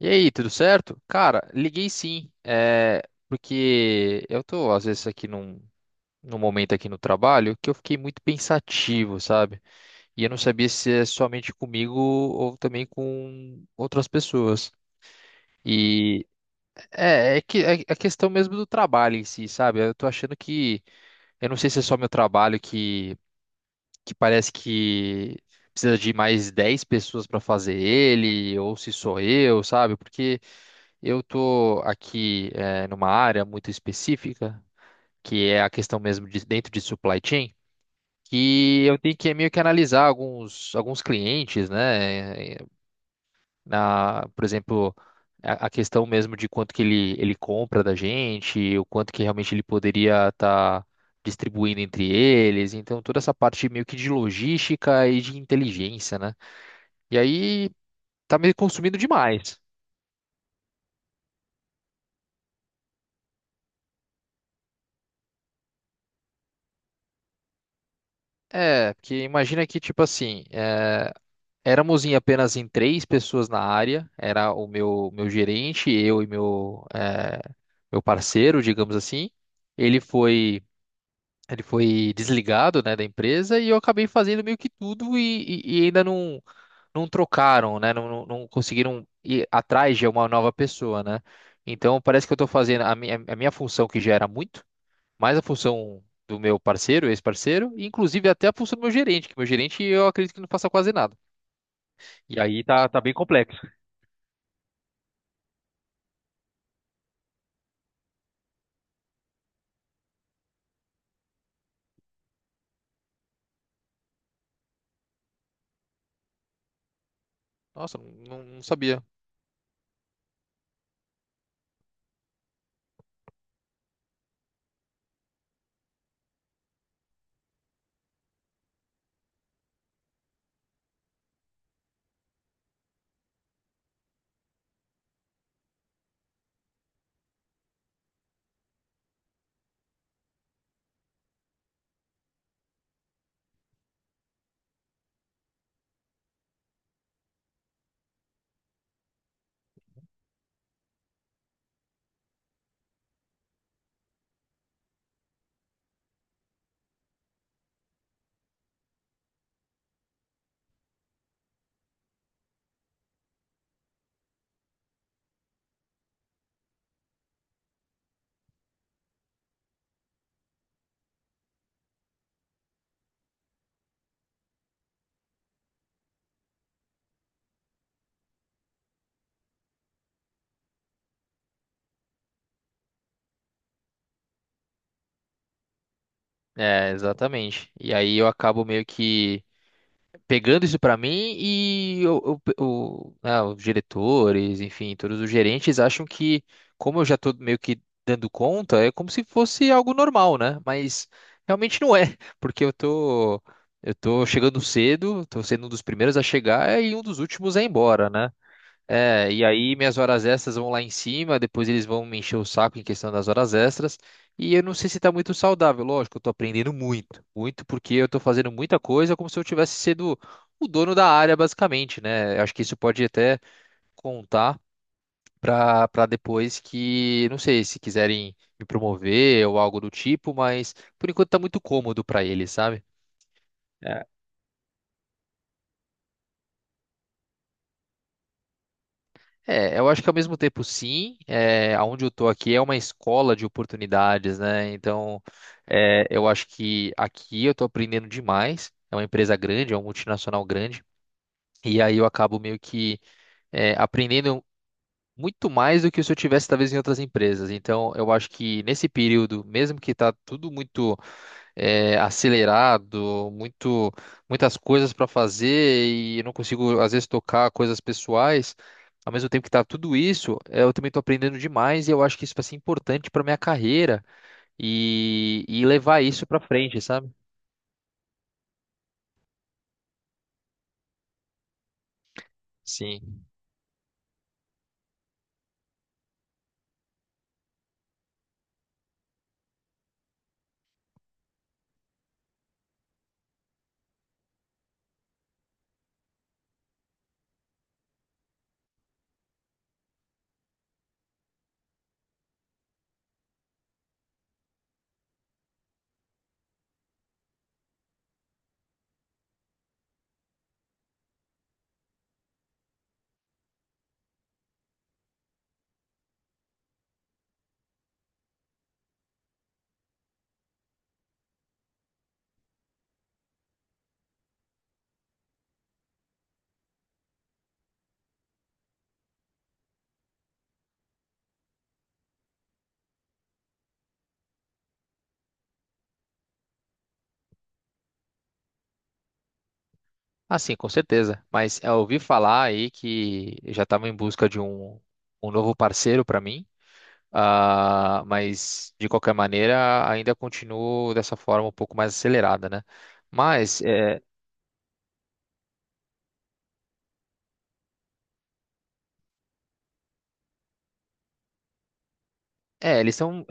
E aí, tudo certo? Cara, liguei sim, porque eu tô às vezes aqui num momento aqui no trabalho que eu fiquei muito pensativo, sabe? E eu não sabia se é somente comigo ou também com outras pessoas. E é que é a questão mesmo do trabalho em si, sabe? Eu tô achando que, Eu não sei se é só meu trabalho que parece que precisa de mais 10 pessoas para fazer ele, ou se sou eu, sabe? Porque eu tô aqui numa área muito específica, que é a questão mesmo de dentro de supply chain, que eu tenho que meio que analisar alguns clientes, né? Na, por exemplo, a questão mesmo de quanto que ele compra da gente, o quanto que realmente ele poderia estar distribuindo entre eles. Então, toda essa parte meio que de logística e de inteligência, né? E aí tá me consumindo demais. É, porque imagina que, tipo assim, éramos em apenas em três pessoas na área, era o meu gerente, eu e meu parceiro, digamos assim. Ele foi. Ele foi desligado, né, da empresa e eu acabei fazendo meio que tudo e ainda não trocaram, né, não conseguiram ir atrás de uma nova pessoa, né? Então parece que eu estou fazendo a a minha função que já era muito, mais a função do meu parceiro, ex-parceiro, e inclusive até a função do meu gerente, que meu gerente eu acredito que não faça quase nada. E aí tá bem complexo. Nossa, não sabia. É, exatamente. E aí eu acabo meio que pegando isso pra mim e né, os diretores, enfim, todos os gerentes acham que, como eu já tô meio que dando conta, é como se fosse algo normal, né? Mas realmente não é, porque eu tô chegando cedo, tô sendo um dos primeiros a chegar e um dos últimos a ir embora, né? É, e aí minhas horas extras vão lá em cima, depois eles vão me encher o saco em questão das horas extras. E eu não sei se tá muito saudável, lógico, eu tô aprendendo muito, muito porque eu tô fazendo muita coisa como se eu tivesse sido o dono da área, basicamente, né? Eu acho que isso pode até contar pra depois que, não sei, se quiserem me promover ou algo do tipo, mas por enquanto tá muito cômodo pra eles, sabe? É, eu acho que ao mesmo tempo sim, aonde eu tô aqui é uma escola de oportunidades, né? Então, eu acho que aqui eu tô aprendendo demais. É uma empresa grande, é uma multinacional grande, e aí eu acabo meio que aprendendo muito mais do que se eu tivesse talvez em outras empresas. Então, eu acho que nesse período, mesmo que tá tudo muito acelerado, muito, muitas coisas para fazer e eu não consigo, às vezes, tocar coisas pessoais. Ao mesmo tempo que tá tudo isso, eu também estou aprendendo demais e eu acho que isso vai ser importante para minha carreira e levar isso para frente, sabe? Sim. Ah, sim, com certeza. Mas eu ouvi falar aí que já estava em busca de um novo parceiro para mim. Ah, mas de qualquer maneira ainda continuo dessa forma um pouco mais acelerada, né? Mas é, É, eles estão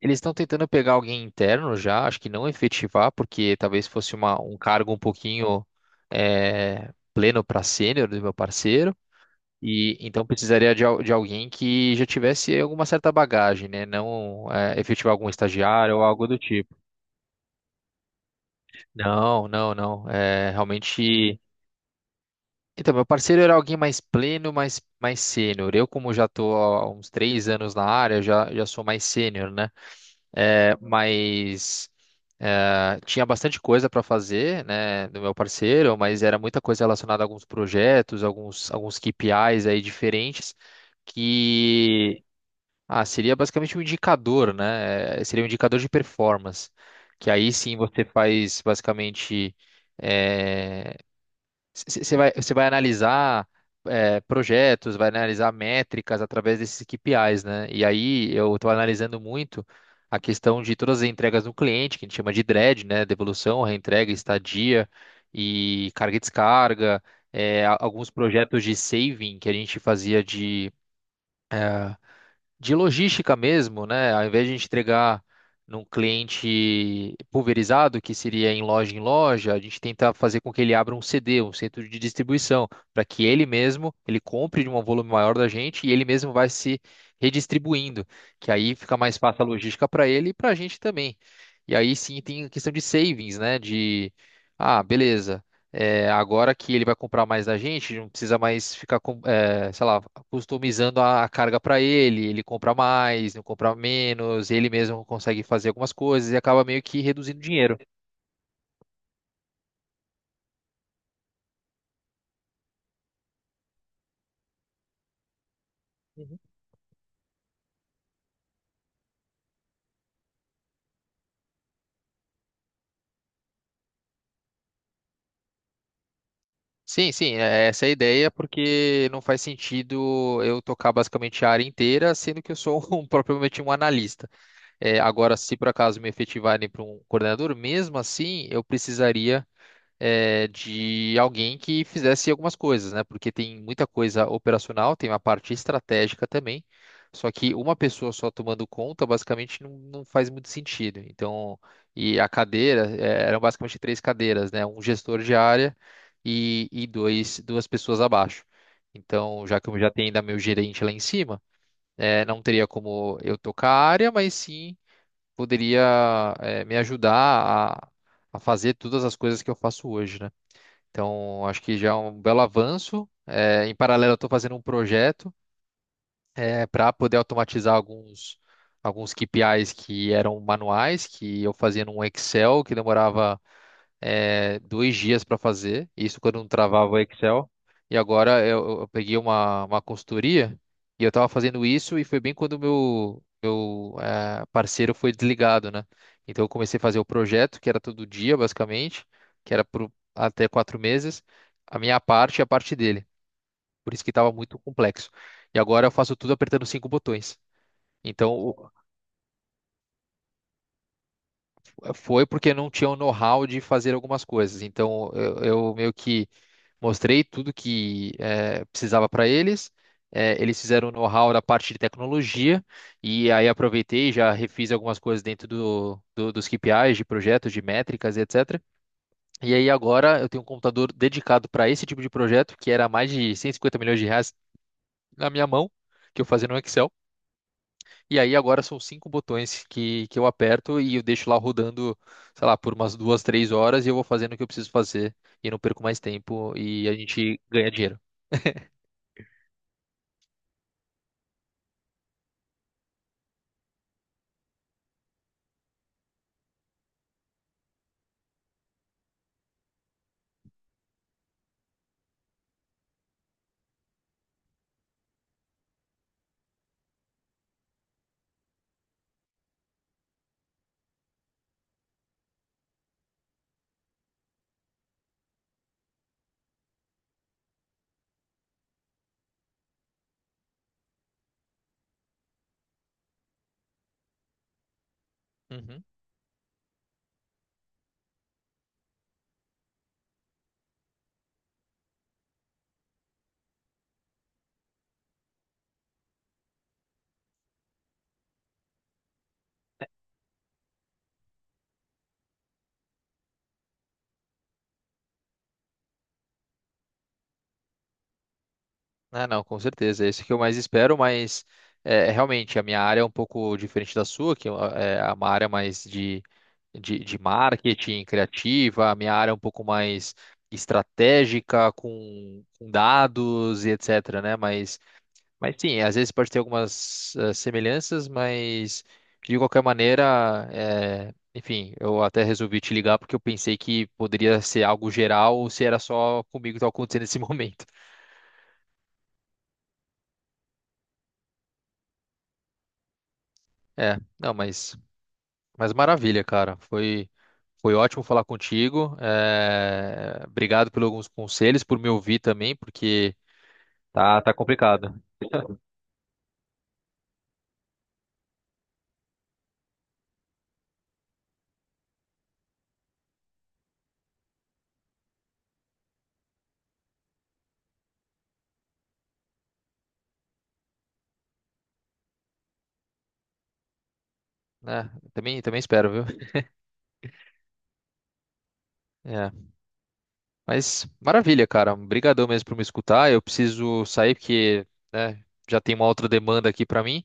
eles estão tentando pegar alguém interno já, acho que não efetivar, porque talvez fosse um cargo um pouquinho pleno para sênior do meu parceiro, e então precisaria de alguém que já tivesse alguma certa bagagem, né? Não é, efetivar algum estagiário ou algo do tipo. Não, não, não. É, realmente. Então, meu parceiro era alguém mais pleno, mais sênior. Eu, como já estou há uns 3 anos na área, já sou mais sênior, né? É, mas tinha bastante coisa para fazer, né, do meu parceiro, mas era muita coisa relacionada a alguns projetos, alguns KPIs aí diferentes, que ah, seria basicamente um indicador, né? Seria um indicador de performance, que aí sim você faz basicamente é, você você vai analisar projetos, vai analisar métricas através desses KPIs, né? E aí eu estou analisando muito a questão de todas as entregas no cliente, que a gente chama de DRED, né? Devolução, reentrega, estadia e carga e descarga. Alguns projetos de saving que a gente fazia eh, de logística mesmo, né? Ao invés de a gente entregar num cliente pulverizado, que seria em loja, a gente tenta fazer com que ele abra um CD, um centro de distribuição, para que ele mesmo, ele compre de um volume maior da gente e ele mesmo vai se redistribuindo, que aí fica mais fácil a logística para ele e para a gente também. E aí sim tem a questão de savings, né? Ah, beleza. Agora que ele vai comprar mais da gente, não precisa mais ficar sei lá, customizando a carga para ele, ele compra mais, não compra menos, ele mesmo consegue fazer algumas coisas e acaba meio que reduzindo dinheiro. Uhum. Sim, sim, essa é a ideia, porque não faz sentido eu tocar basicamente a área inteira, sendo que eu sou propriamente um analista. É, agora, se por acaso me efetivarem para um coordenador, mesmo assim, eu precisaria de alguém que fizesse algumas coisas, né? Porque tem muita coisa operacional, tem uma parte estratégica também. Só que uma pessoa só tomando conta, basicamente, não faz muito sentido. Então, e a cadeira, eram basicamente três cadeiras, né? Um gestor de área e duas pessoas abaixo. Então, já que eu já tenho ainda meu gerente lá em cima, não teria como eu tocar a área, mas sim poderia, me ajudar a, a fazer todas as coisas que eu faço hoje, né? Então, acho que já é um belo avanço. Em paralelo, eu estou fazendo um projeto para poder automatizar alguns KPIs que eram manuais, que eu fazia num Excel, que demorava 2 dias para fazer, isso quando não travava o Excel. E agora eu peguei uma consultoria e eu estava fazendo isso e foi bem quando meu parceiro foi desligado, né? Então eu comecei a fazer o projeto, que era todo dia, basicamente, que era por até 4 meses, a minha parte e a parte dele. Por isso que estava muito complexo. E agora eu faço tudo apertando cinco botões. Então, foi porque não tinha o know-how de fazer algumas coisas. Então, eu meio que mostrei tudo que precisava para eles. Eles fizeram o know-how da parte de tecnologia. E aí, aproveitei e já refiz algumas coisas dentro dos KPIs, de projetos, de métricas, e etc. E aí, agora, eu tenho um computador dedicado para esse tipo de projeto, que era mais de 150 milhões de reais na minha mão, que eu fazia no Excel. E aí agora são cinco botões que eu aperto e eu deixo lá rodando, sei lá, por umas 2, 3 horas e eu vou fazendo o que eu preciso fazer e não perco mais tempo e a gente ganha dinheiro. Uhum. Ah, não, com certeza. É isso que eu mais espero, mas realmente a minha área é um pouco diferente da sua, que é uma área mais de marketing criativa, a minha área é um pouco mais estratégica com dados e etc, né? Mas sim, às vezes pode ter algumas semelhanças, mas de qualquer maneira, enfim, eu até resolvi te ligar porque eu pensei que poderia ser algo geral ou se era só comigo que estava acontecendo nesse momento. É, não, mas maravilha, cara. Foi ótimo falar contigo. Obrigado por alguns conselhos, por me ouvir também, porque tá complicado, né? Também, também espero, viu? É. Mas maravilha, cara. Obrigadão mesmo por me escutar. Eu preciso sair porque, né, já tem uma outra demanda aqui pra mim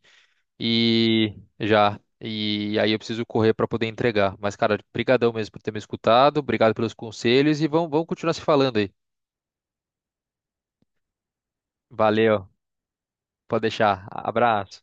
e já e aí eu preciso correr pra poder entregar. Mas, cara, brigadão mesmo por ter me escutado. Obrigado pelos conselhos e vamos continuar se falando aí. Valeu. Pode deixar. Abraço.